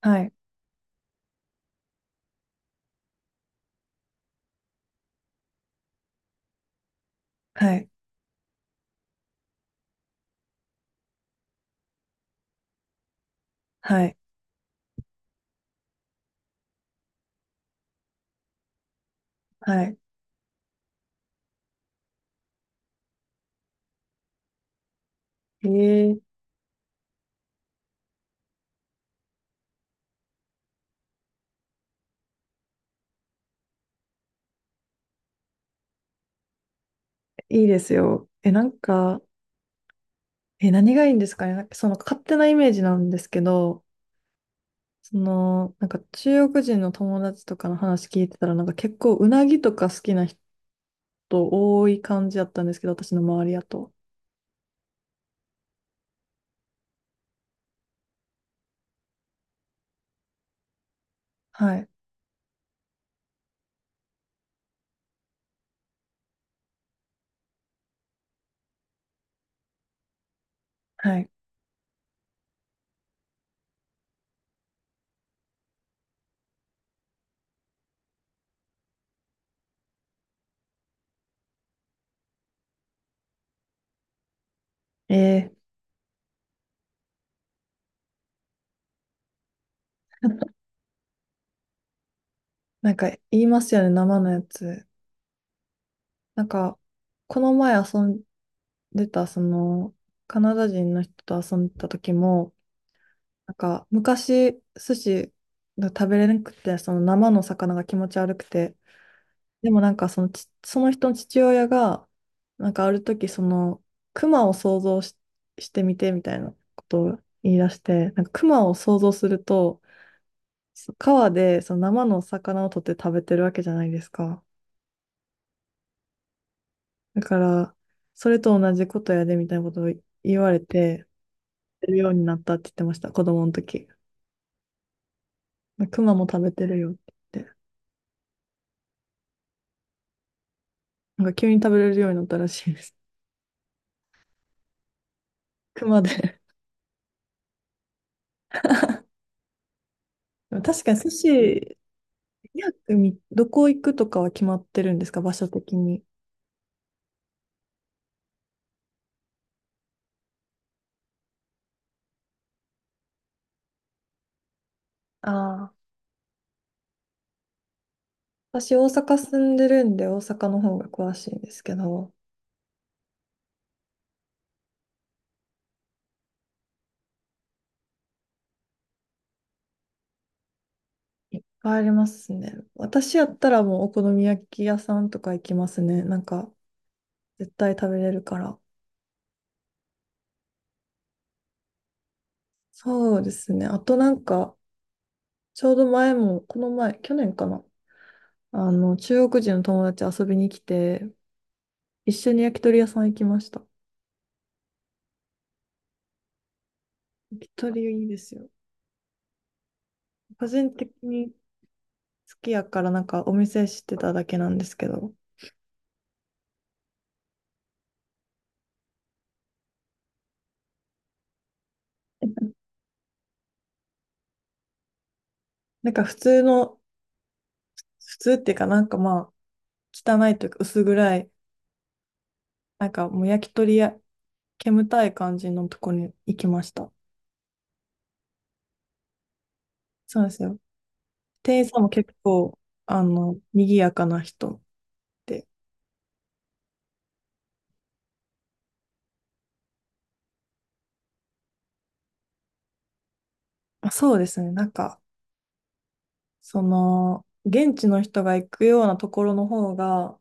はい、はい、はい、はい。えー、いいですよ。なんか、何がいいんですかね。なんかその勝手なイメージなんですけど、なんか中国人の友達とかの話聞いてたら、なんか結構うなぎとか好きな人多い感じだったんですけど、私の周りだと。はい、はい。えー、なんか言いますよね、生のやつ。なんか、この前遊んでた、その、カナダ人の人と遊んでた時も、なんか昔寿司が食べれなくてその生の魚が気持ち悪くて、でもなんかそのち、その人の父親がなんかある時そのクマを想像し、してみてみたいなことを言い出して、なんかクマを想像するとそ川でその生の魚を取って食べてるわけじゃないですか。だからそれと同じことやでみたいなことを言われてやるようになったって言ってました、子供の時クマも食べてるよって言って。なんか急に食べれるようになったらしいです。熊で。でも確かに寿司、2みどこ行くとかは決まってるんですか、場所的に。ああ、私大阪住んでるんで大阪の方が詳しいんですけど、いっぱいありますね。私やったらもうお好み焼き屋さんとか行きますね。なんか絶対食べれるから。そうですね。あとなんか、ちょうど前も、この前、去年かな。あの、中国人の友達遊びに来て、一緒に焼き鳥屋さん行きました。焼き鳥いいですよ。個人的に好きやからなんかお店知ってただけなんですけど、なんか普通の、普通っていうかなんかまあ、汚いというか薄暗い、なんかもう焼き鳥や煙たい感じのとこに行きました。そうなんですよ。店員さんも結構、あの、賑やかな人で。あ、そうですね。なんか、その、現地の人が行くようなところの方が、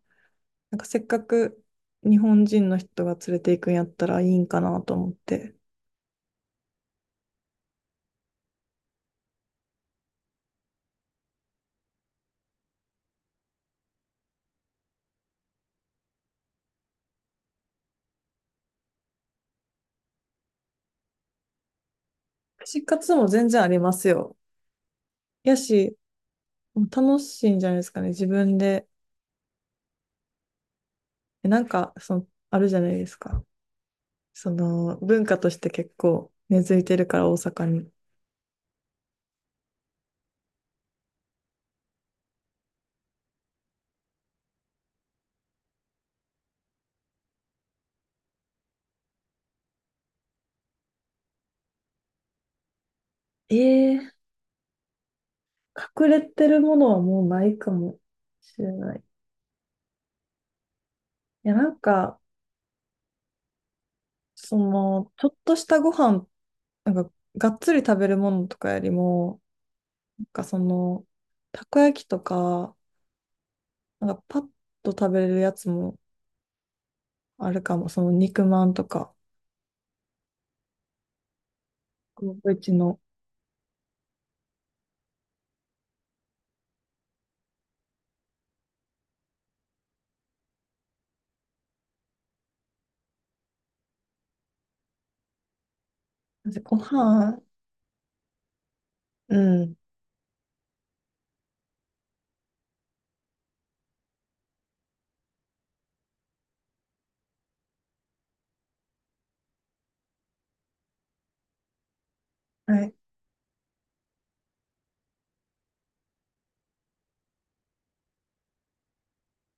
なんかせっかく日本人の人が連れて行くんやったらいいんかなと思って。串カツも全然ありますよ。やし、楽しいんじゃないですかね、自分で。えなんか、その、あるじゃないですか。その、文化として結構根付いてるから、大阪に。えー、隠れてるものはもうないかもしれない。いや、なんか、その、ちょっとしたご飯、なんか、がっつり食べるものとかよりも、なんかその、たこ焼きとか、なんかパッと食べれるやつもあるかも。その肉まんとか、うちの。ご飯、うん。はい。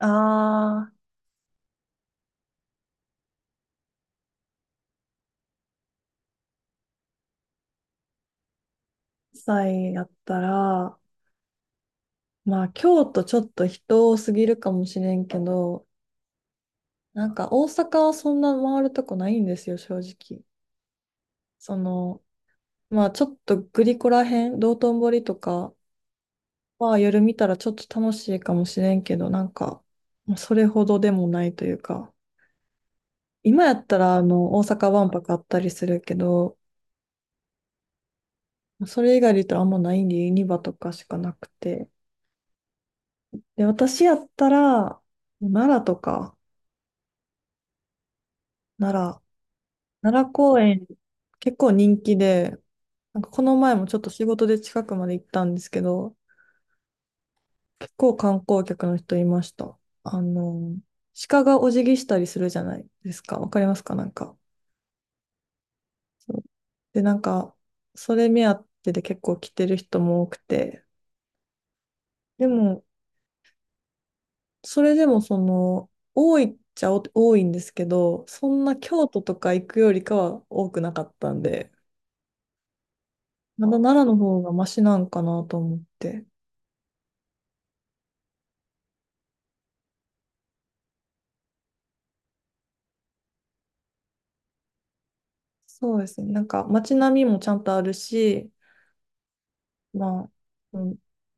あー、菜やったら、まあ京都ちょっと人多すぎるかもしれんけど、なんか大阪はそんな回るとこないんですよ、正直。その、まあちょっとグリコらへん、道頓堀とかは夜見たらちょっと楽しいかもしれんけど、なんか、まあそれほどでもないというか。今やったら、あの、大阪万博あったりするけど、それ以外で言ったらあんまないんで、ユニバとかしかなくて。で、私やったら、奈良とか、奈良、奈良公園、結構人気で、なんかこの前もちょっと仕事で近くまで行ったんですけど、結構観光客の人いました。あの、鹿がお辞儀したりするじゃないですか。わかりますかなんか。そうで、なんか、それ目当てで結構来てる人も多くて、でも、それでもその、多いっちゃ多いんですけど、そんな京都とか行くよりかは多くなかったんで、まだ奈良の方がマシなんかなと思って。そうですね。なんか街並みもちゃんとあるし、まあ、うん、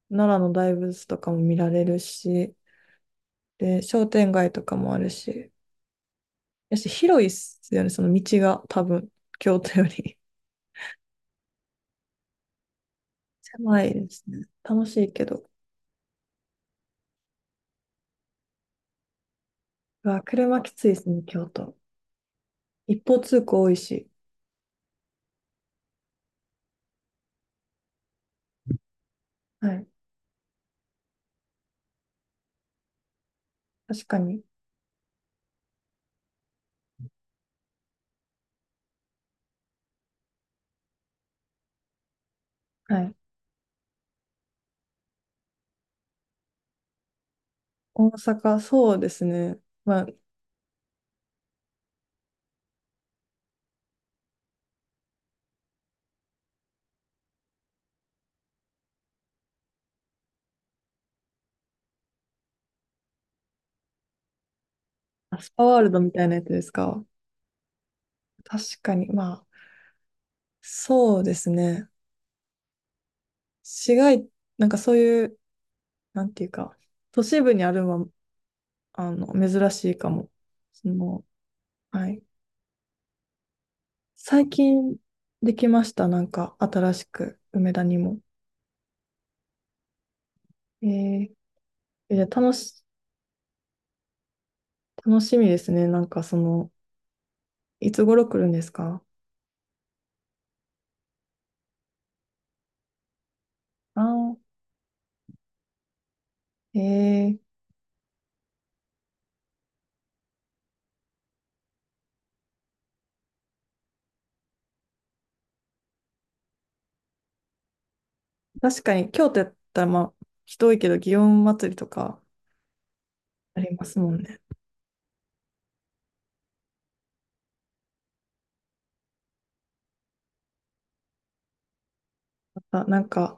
奈良の大仏とかも見られるし、で、商店街とかもあるし、やし広いっすよね、その道が多分、京都より。狭いですね。楽しいけど。うわ、車きついですね、京都。一方通行多いし。はい、確かに。はい。大阪、そうですね。まあ、アスパワールドみたいなやつですか。確かに。まあ、そうですね。市街、なんかそういう、なんていうか、都市部にあるのは、あの、珍しいかも。その、はい。最近できました。なんか、新しく、梅田にも。えー、えじゃあ楽し、楽しみですね。なんか、その、いつ頃来るんですか？ああー、えー、確かに、京都やったら、まあ、人多いけど、祇園祭りとかありますもんね。また、なんか、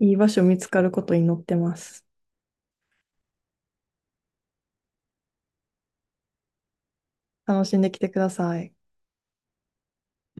いい場所見つかることに祈ってます。楽しんできてください。